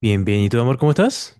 Bien, bien. ¿Y tú, amor, cómo estás?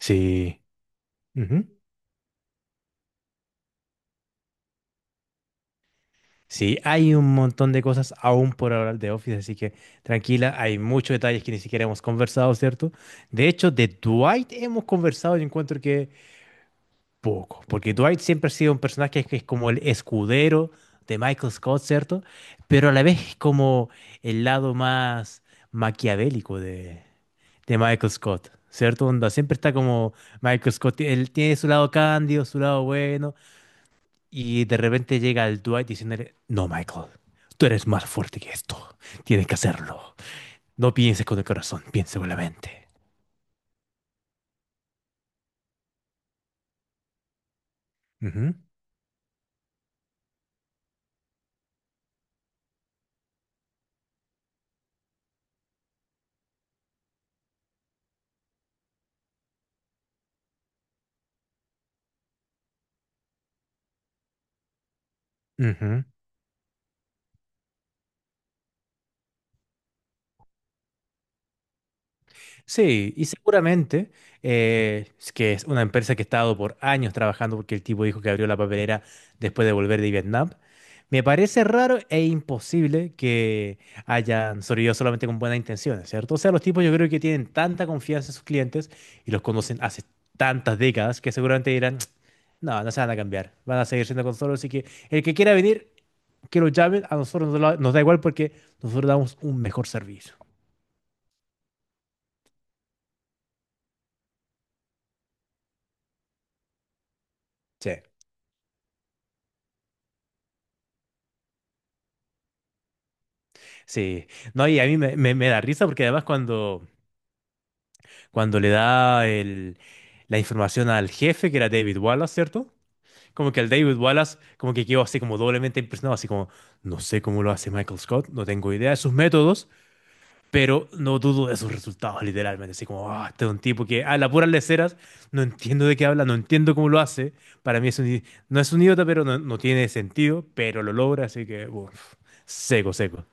Sí. Ujú. Sí, hay un montón de cosas aún por hablar de Office, así que tranquila, hay muchos detalles que ni siquiera hemos conversado, ¿cierto? De hecho, de Dwight hemos conversado y encuentro que poco, porque Dwight siempre ha sido un personaje que es como el escudero de Michael Scott, ¿cierto? Pero a la vez es como el lado más maquiavélico de Michael Scott, ¿cierto? Onda, siempre está como Michael Scott, él tiene su lado cándido, su lado bueno. Y de repente llega el Dwight diciéndole, no, Michael, tú eres más fuerte que esto. Tienes que hacerlo. No pienses con el corazón, piensa con la mente. Ujú, ujú. Sí, y seguramente es que es una empresa que ha estado por años trabajando porque el tipo dijo que abrió la papelera después de volver de Vietnam. Me parece raro e imposible que hayan sobrevivido solamente con buenas intenciones, ¿cierto? O sea, los tipos yo creo que tienen tanta confianza en sus clientes y los conocen hace tantas décadas que seguramente dirán, no, no se van a cambiar, van a seguir siendo con nosotros, así que el que quiera venir, que lo llamen, a nosotros nos da igual porque nosotros damos un mejor servicio. Sí. Sí, no, y a mí me da risa porque además cuando le da la información al jefe, que era David Wallace, ¿cierto? Como que el David Wallace como que quedó así como doblemente impresionado, así como, no sé cómo lo hace Michael Scott, no tengo idea de sus métodos, pero no dudo de sus resultados, literalmente, así como, ah, este es un tipo que a las puras leceras, no entiendo de qué habla, no entiendo cómo lo hace, para mí no es un idiota, pero no, no tiene sentido, pero lo logra, así que, uf, seco, seco,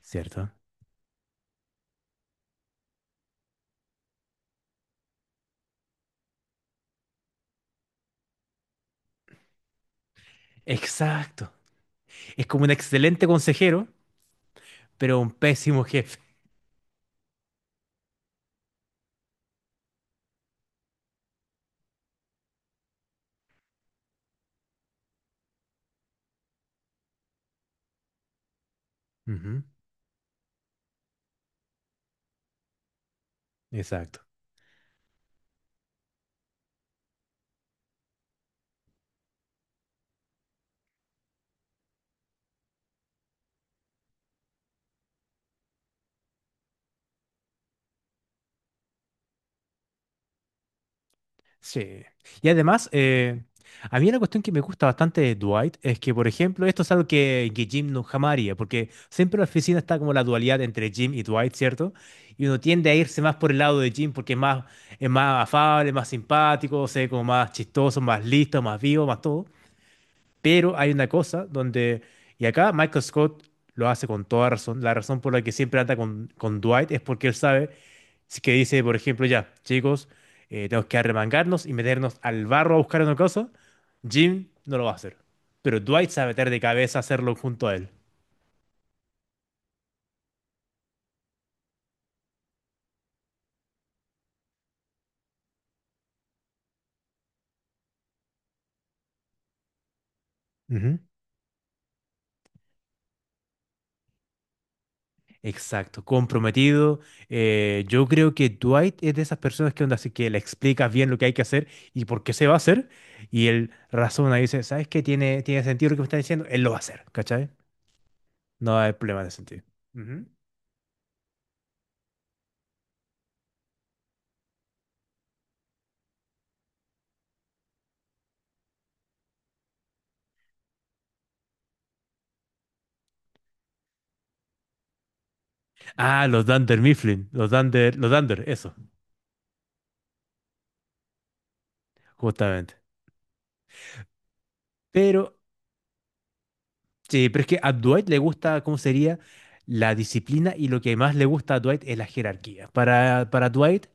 ¿cierto? Exacto. Es como un excelente consejero, pero un pésimo jefe. Ujú. Exacto. Sí. Y además, a mí una cuestión que me gusta bastante de Dwight es que, por ejemplo, esto es algo que Jim no jamás haría, porque siempre en la oficina está como la dualidad entre Jim y Dwight, ¿cierto? Y uno tiende a irse más por el lado de Jim porque es más afable, más simpático, o sea, como más chistoso, más listo, más vivo, más todo. Pero hay una cosa donde, y acá Michael Scott lo hace con toda razón, la razón por la que siempre anda con Dwight es porque él sabe si que dice, por ejemplo, ya, chicos, tenemos que arremangarnos y meternos al barro a buscar una cosa, Jim no lo va a hacer, pero Dwight sabe meter de cabeza a hacerlo junto a él. Ujú. Exacto, comprometido. Yo creo que Dwight es de esas personas que onda, así que le explicas bien lo que hay que hacer y por qué se va a hacer. Y él razona y dice, ¿sabes qué? Tiene sentido lo que me está diciendo. Él lo va a hacer, ¿cachai? No hay problema de sentido. Ujú. Ah, los Dunder Mifflin, los Dunder, eso, justamente. Pero, sí, pero es que a Dwight le gusta, ¿cómo sería? La disciplina y lo que más le gusta a Dwight es la jerarquía. Para Dwight,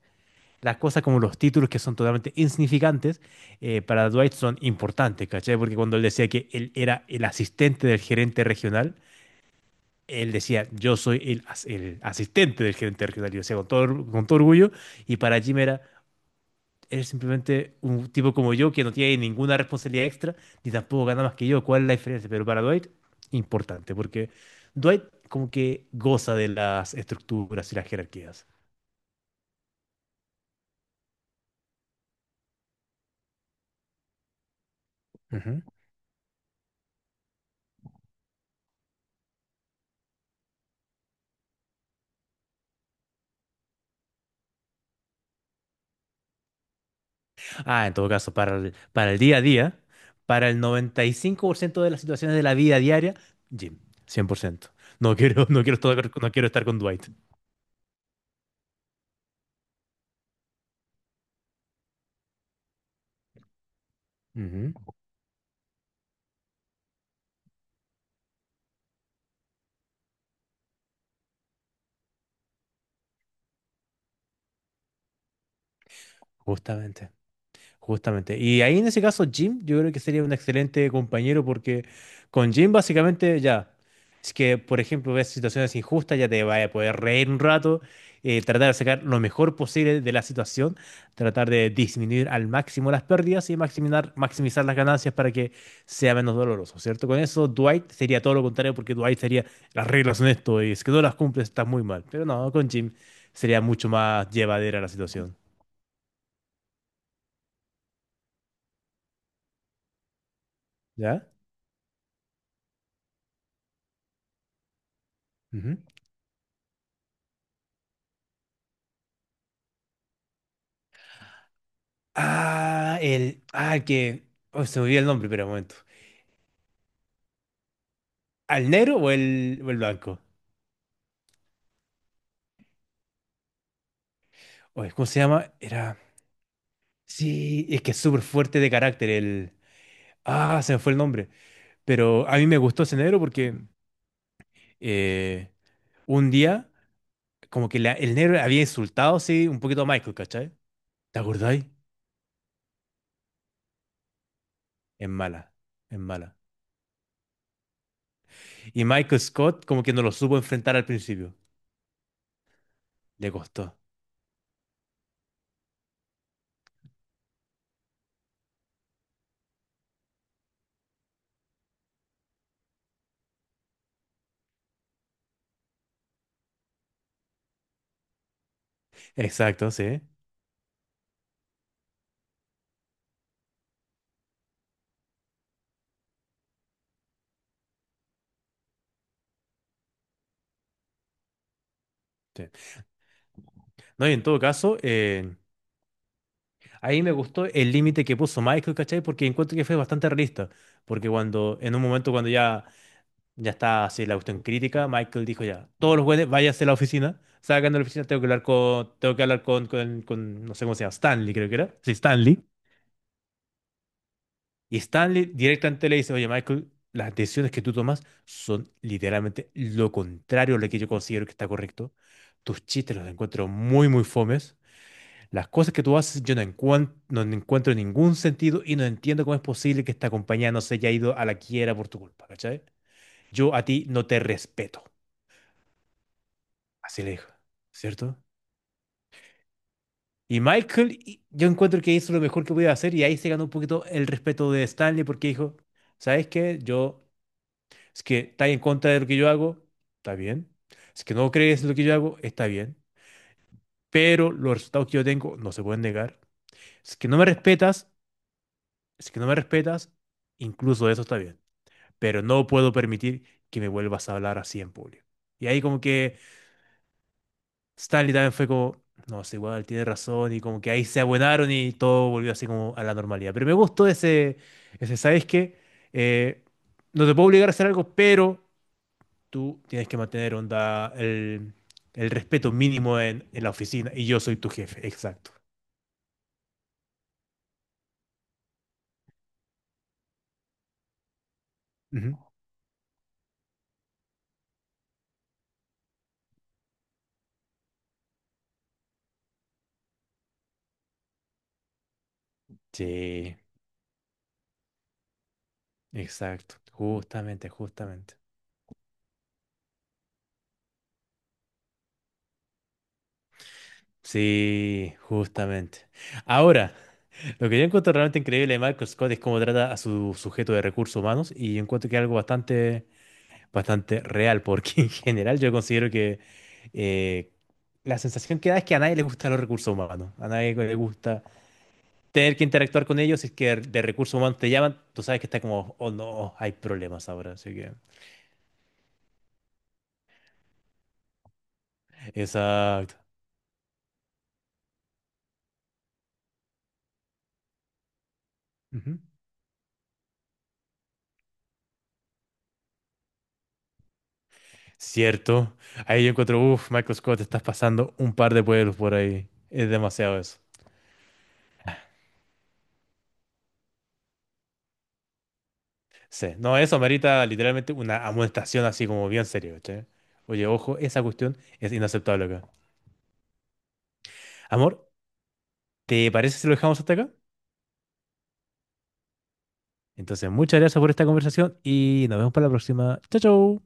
las cosas como los títulos que son totalmente insignificantes, para Dwight son importantes, ¿cachai? Porque cuando él decía que él era el asistente del gerente regional, él decía, yo soy el asistente del gerente regional, y lo decía con todo orgullo, y para Jim era, es simplemente un tipo como yo que no tiene ninguna responsabilidad extra, ni tampoco gana más que yo, ¿cuál es la diferencia? Pero para Dwight, importante, porque Dwight como que goza de las estructuras y las jerarquías. Ah, en todo caso, para el día a día, para el 95% de las situaciones de la vida diaria, Jim, 100%. No quiero, no quiero, estar, no quiero estar con Dwight. Ujú, justamente. Justamente. Y ahí en ese caso, Jim, yo creo que sería un excelente compañero porque con Jim básicamente ya, si es que por ejemplo ves situaciones injustas, ya te vaya a poder reír un rato, tratar de sacar lo mejor posible de la situación, tratar de disminuir al máximo las pérdidas y maximizar las ganancias para que sea menos doloroso, ¿cierto? Con eso, Dwight sería todo lo contrario porque Dwight sería, las reglas son esto y es que no las cumples, estás muy mal. Pero no, con Jim sería mucho más llevadera la situación, ¿ya? Ah, el. Ah, el que. Oh, se me olvidó el nombre, pero un momento. ¿Al negro o el blanco? Oye, ¿cómo se llama? Era. Sí, es que es súper fuerte de carácter el. Ah, se me fue el nombre. Pero a mí me gustó ese negro porque eh, un día, como que el negro había insultado, sí, un poquito a Michael, ¿cachai? ¿Te acordáis? Es mala, es mala. Y Michael Scott, como que no lo supo enfrentar al principio. Le costó. Exacto, sí. Sí. No, y en todo caso, ahí me gustó el límite que puso Michael, ¿cachai? Porque encuentro que fue bastante realista. Porque en un momento cuando ya está así la cuestión crítica, Michael dijo ya, todos los jueves váyanse a la oficina, salgan de la oficina, tengo que hablar con, no sé cómo se llama, Stanley creo que era. Sí, Stanley. Y Stanley directamente le dice, oye, Michael, las decisiones que tú tomas son literalmente lo contrario a lo que yo considero que está correcto. Tus chistes los encuentro muy, muy fomes. Las cosas que tú haces yo no, no encuentro ningún sentido y no entiendo cómo es posible que esta compañía no se haya ido a la quiebra por tu culpa, ¿cachai? Yo a ti no te respeto. Así le dijo, ¿cierto? Y Michael, yo encuentro que hizo lo mejor que podía hacer y ahí se ganó un poquito el respeto de Stanley porque dijo, ¿sabes qué? Yo, es que estás en contra de lo que yo hago, está bien. Es que no crees en lo que yo hago, está bien. Pero los resultados que yo tengo no se pueden negar. Si Es que no me respetas, si es que no me respetas, incluso eso está bien. Pero no puedo permitir que me vuelvas a hablar así en público. Y ahí como que Stanley también fue como, no, es igual, tiene razón, y como que ahí se abuenaron y todo volvió así como a la normalidad. Pero me gustó ese, ¿sabes qué? Eh, no te puedo obligar a hacer algo, pero tú tienes que mantener onda el respeto mínimo en la oficina y yo soy tu jefe, exacto. Ujú. Sí, exacto, justamente, justamente. Sí, justamente. Ahora, lo que yo encuentro realmente increíble de Michael Scott es cómo trata a su sujeto de recursos humanos y yo encuentro que es algo bastante, bastante real, porque en general yo considero que eh, la sensación que da es que a nadie le gustan los recursos humanos, a nadie le gusta tener que interactuar con ellos, si es que de recursos humanos te llaman, tú sabes que está como, oh no, hay problemas ahora, así que... Exacto. Ujú. Cierto. Ahí yo encuentro, uff, Michael Scott, estás pasando un par de pueblos por ahí. Es demasiado eso. Sí, no, eso merita literalmente una amonestación así como bien seria, ¿cachai? Oye, ojo, esa cuestión es inaceptable acá. Amor, ¿te parece si lo dejamos hasta acá? Entonces, muchas gracias por esta conversación y nos vemos para la próxima. Chao, chao.